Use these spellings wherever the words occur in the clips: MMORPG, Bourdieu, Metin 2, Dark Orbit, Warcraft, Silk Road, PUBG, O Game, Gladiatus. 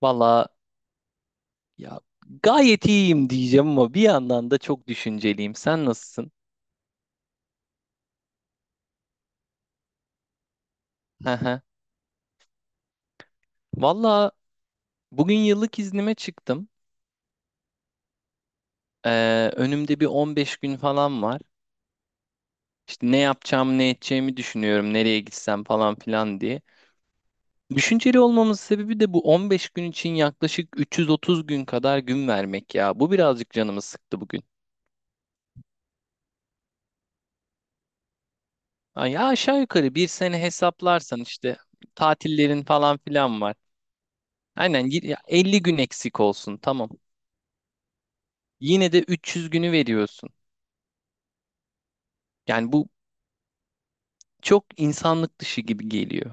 Valla ya gayet iyiyim diyeceğim ama bir yandan da çok düşünceliyim. Sen nasılsın? Hı hı. Valla bugün yıllık iznime çıktım. Önümde bir 15 gün falan var. İşte ne yapacağım, ne edeceğimi düşünüyorum, nereye gitsem falan filan diye. Düşünceli olmamın sebebi de bu 15 gün için yaklaşık 330 gün kadar gün vermek ya. Bu birazcık canımı sıktı bugün. Ay, ya aşağı yukarı bir sene hesaplarsan işte tatillerin falan filan var. Aynen ya 50 gün eksik olsun tamam. Yine de 300 günü veriyorsun. Yani bu çok insanlık dışı gibi geliyor.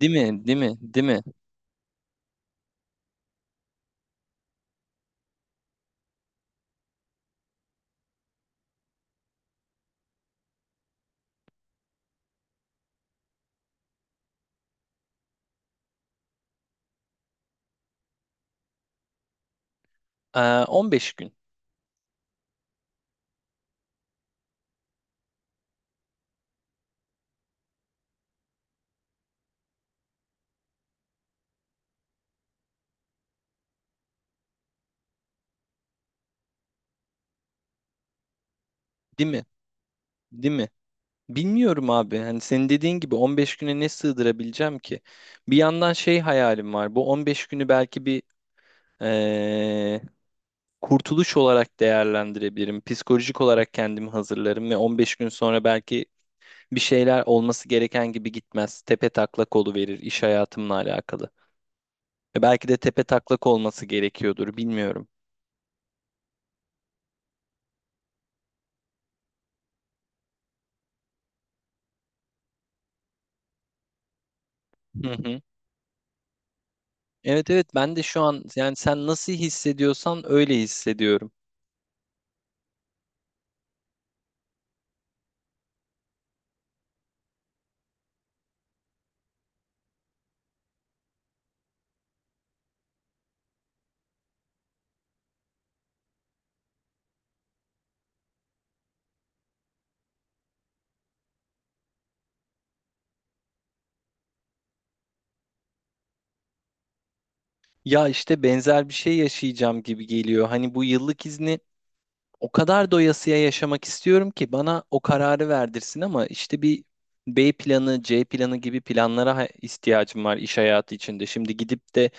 Değil mi? Değil mi? Değil mi? Ee, 15 gün. Değil mi? Değil mi? Bilmiyorum abi. Hani senin dediğin gibi 15 güne ne sığdırabileceğim ki? Bir yandan şey hayalim var. Bu 15 günü belki bir ee, kurtuluş olarak değerlendirebilirim. Psikolojik olarak kendimi hazırlarım ve 15 gün sonra belki bir şeyler olması gereken gibi gitmez. Tepe taklak verir iş hayatımla alakalı. Belki de tepe taklak olması gerekiyordur, bilmiyorum. Hı hı. Evet evet, ben de şu an yani sen nasıl hissediyorsan öyle hissediyorum. Ya işte benzer bir şey yaşayacağım gibi geliyor. Hani bu yıllık izni o kadar doyasıya yaşamak istiyorum ki bana o kararı verdirsin ama işte bir B planı, C planı gibi planlara ihtiyacım var iş hayatı içinde. Şimdi gidip de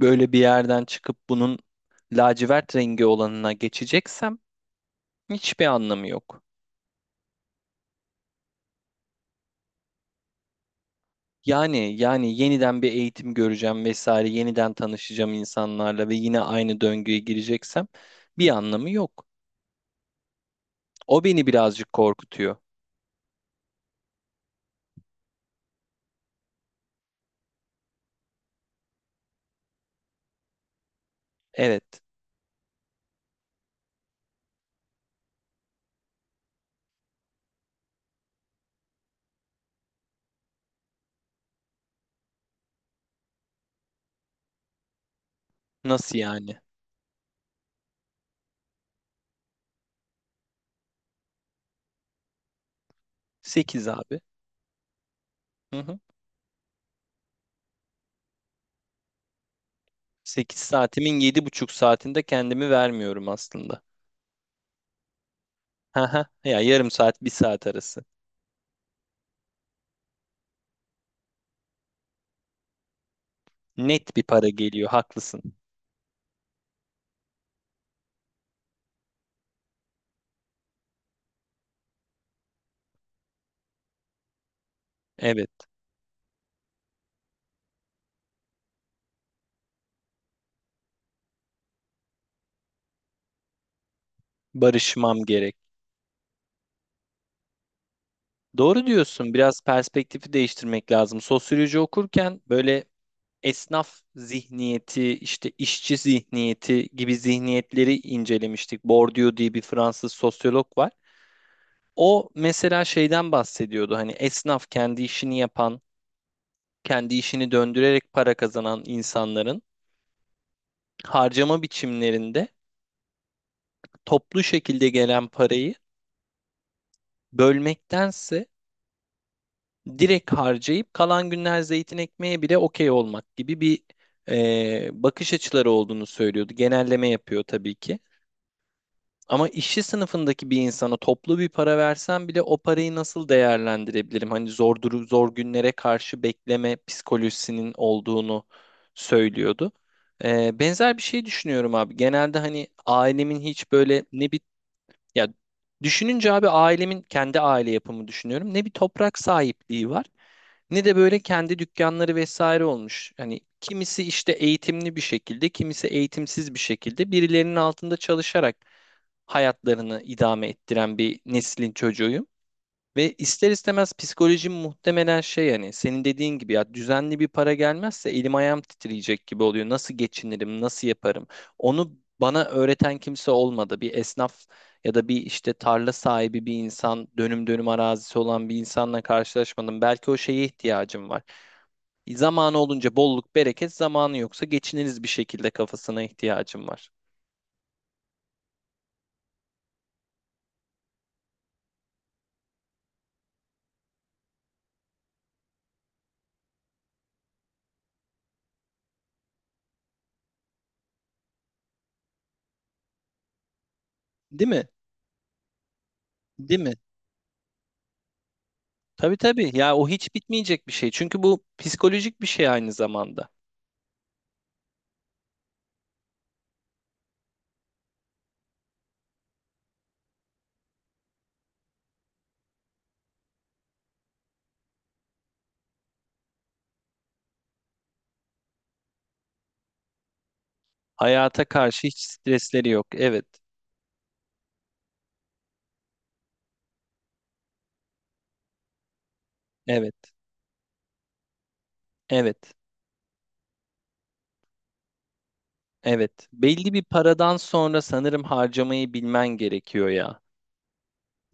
böyle bir yerden çıkıp bunun lacivert rengi olanına geçeceksem hiçbir anlamı yok. Yani yeniden bir eğitim göreceğim vesaire, yeniden tanışacağım insanlarla ve yine aynı döngüye gireceksem bir anlamı yok. O beni birazcık korkutuyor. Evet. Nasıl yani? 8 abi. Hı hı. 8 saatimin 7,5 saatinde kendimi vermiyorum aslında. Haha. Ya yarım saat, bir saat arası. Net bir para geliyor, haklısın. Evet, barışmam gerek. Doğru diyorsun. Biraz perspektifi değiştirmek lazım. Sosyoloji okurken böyle esnaf zihniyeti, işte işçi zihniyeti gibi zihniyetleri incelemiştik. Bourdieu diye bir Fransız sosyolog var. O mesela şeyden bahsediyordu. Hani esnaf kendi işini yapan, kendi işini döndürerek para kazanan insanların harcama biçimlerinde toplu şekilde gelen parayı bölmektense direkt harcayıp kalan günler zeytin ekmeğe bile okey olmak gibi bir bakış açıları olduğunu söylüyordu. Genelleme yapıyor tabii ki. Ama işçi sınıfındaki bir insana toplu bir para versem bile o parayı nasıl değerlendirebilirim? Hani zor günlere karşı bekleme psikolojisinin olduğunu söylüyordu. Benzer bir şey düşünüyorum abi. Genelde hani ailemin hiç böyle ne bir ya düşününce abi ailemin kendi aile yapımı düşünüyorum. Ne bir toprak sahipliği var ne de böyle kendi dükkanları vesaire olmuş. Hani kimisi işte eğitimli bir şekilde, kimisi eğitimsiz bir şekilde birilerinin altında çalışarak hayatlarını idame ettiren bir neslin çocuğuyum. Ve ister istemez psikolojim muhtemelen şey, yani senin dediğin gibi ya düzenli bir para gelmezse elim ayağım titreyecek gibi oluyor. Nasıl geçinirim, nasıl yaparım? Onu bana öğreten kimse olmadı. Bir esnaf ya da bir işte tarla sahibi bir insan, dönüm dönüm arazisi olan bir insanla karşılaşmadım. Belki o şeye ihtiyacım var. Zamanı olunca bolluk, bereket, zamanı yoksa geçiniriz bir şekilde kafasına ihtiyacım var. Değil mi? Değil mi? Tabii tabii. Ya o hiç bitmeyecek bir şey. Çünkü bu psikolojik bir şey aynı zamanda. Hayata karşı hiç stresleri yok. Evet, evet, evet, evet. Belli bir paradan sonra sanırım harcamayı bilmen gerekiyor ya.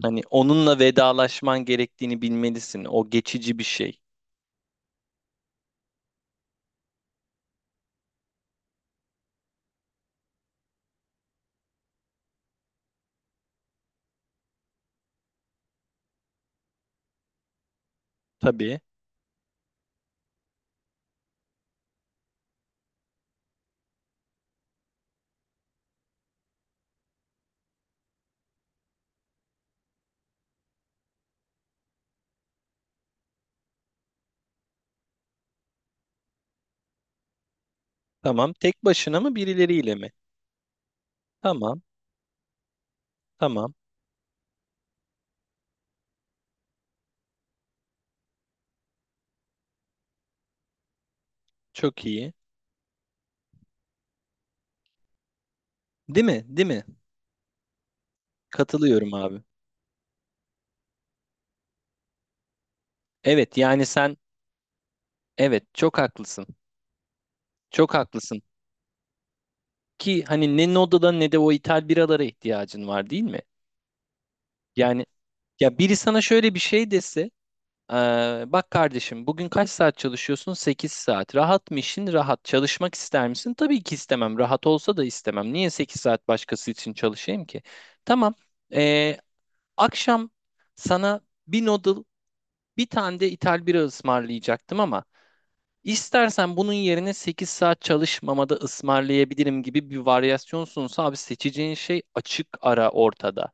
Hani onunla vedalaşman gerektiğini bilmelisin. O geçici bir şey. Tabii. Tamam. Tek başına mı birileriyle mi? Tamam, tamam. Çok iyi. Değil mi? Değil mi? Katılıyorum abi. Evet, yani sen evet çok haklısın. Çok haklısın. Ki hani ne Noda'da ne de o ithal biralara ihtiyacın var, değil mi? Yani ya biri sana şöyle bir şey dese: eee, bak kardeşim, bugün kaç saat çalışıyorsun? 8 saat. Rahat mı işin? Rahat. Çalışmak ister misin? Tabii ki istemem. Rahat olsa da istemem. Niye sekiz saat başkası için çalışayım ki? Tamam. Eee, Akşam sana bir noodle, bir tane de ithal bira ısmarlayacaktım ama istersen bunun yerine 8 saat çalışmamada ısmarlayabilirim gibi bir varyasyonsunsa abi seçeceğin şey açık ara ortada.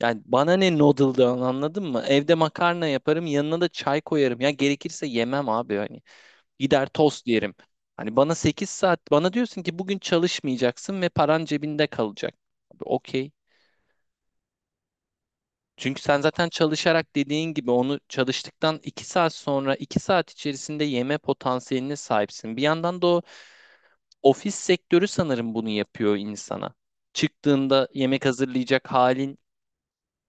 Yani bana ne noodle'dan anladın mı? Evde makarna yaparım, yanına da çay koyarım. Ya gerekirse yemem abi hani. Gider tost yerim. Hani bana sekiz saat diyorsun ki bugün çalışmayacaksın ve paran cebinde kalacak. Abi okey. Çünkü sen zaten çalışarak dediğin gibi onu çalıştıktan 2 saat sonra 2 saat içerisinde yeme potansiyeline sahipsin. Bir yandan da o ofis sektörü sanırım bunu yapıyor insana. Çıktığında yemek hazırlayacak halin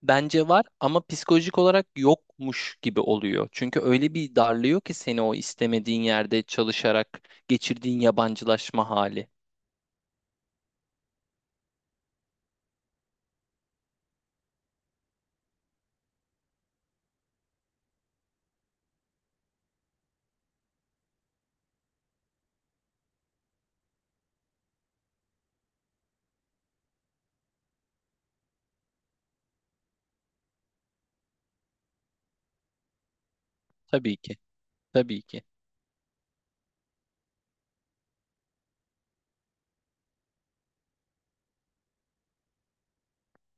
bence var ama psikolojik olarak yokmuş gibi oluyor. Çünkü öyle bir darlıyor ki seni o istemediğin yerde çalışarak geçirdiğin yabancılaşma hali. Tabii ki. Tabii ki.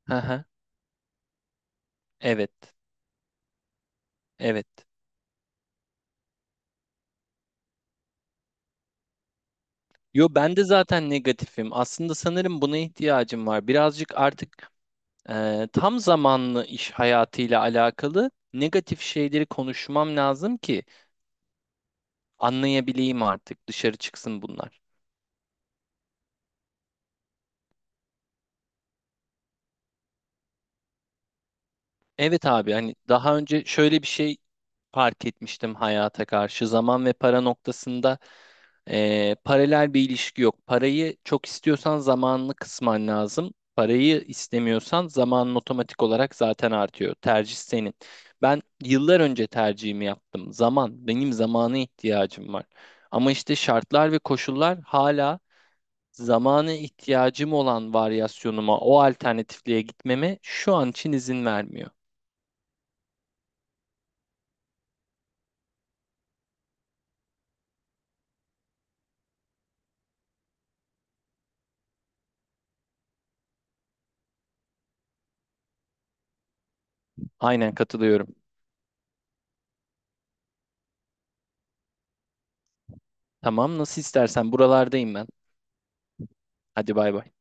Hı hı. Evet. Evet. Yo, ben de zaten negatifim. Aslında sanırım buna ihtiyacım var. Birazcık artık tam zamanlı iş hayatıyla alakalı negatif şeyleri konuşmam lazım ki anlayabileyim artık. Dışarı çıksın bunlar. Evet abi, hani daha önce şöyle bir şey fark etmiştim hayata karşı. Zaman ve para noktasında paralel bir ilişki yok. Parayı çok istiyorsan zamanını kısman lazım. Parayı istemiyorsan zamanın otomatik olarak zaten artıyor. Tercih senin. Ben yıllar önce tercihimi yaptım. Zaman, benim zamana ihtiyacım var. Ama işte şartlar ve koşullar hala zamanı ihtiyacım olan varyasyonuma, o alternatifliğe gitmeme şu an için izin vermiyor. Aynen katılıyorum. Tamam, nasıl istersen buralardayım ben. Hadi bay bay.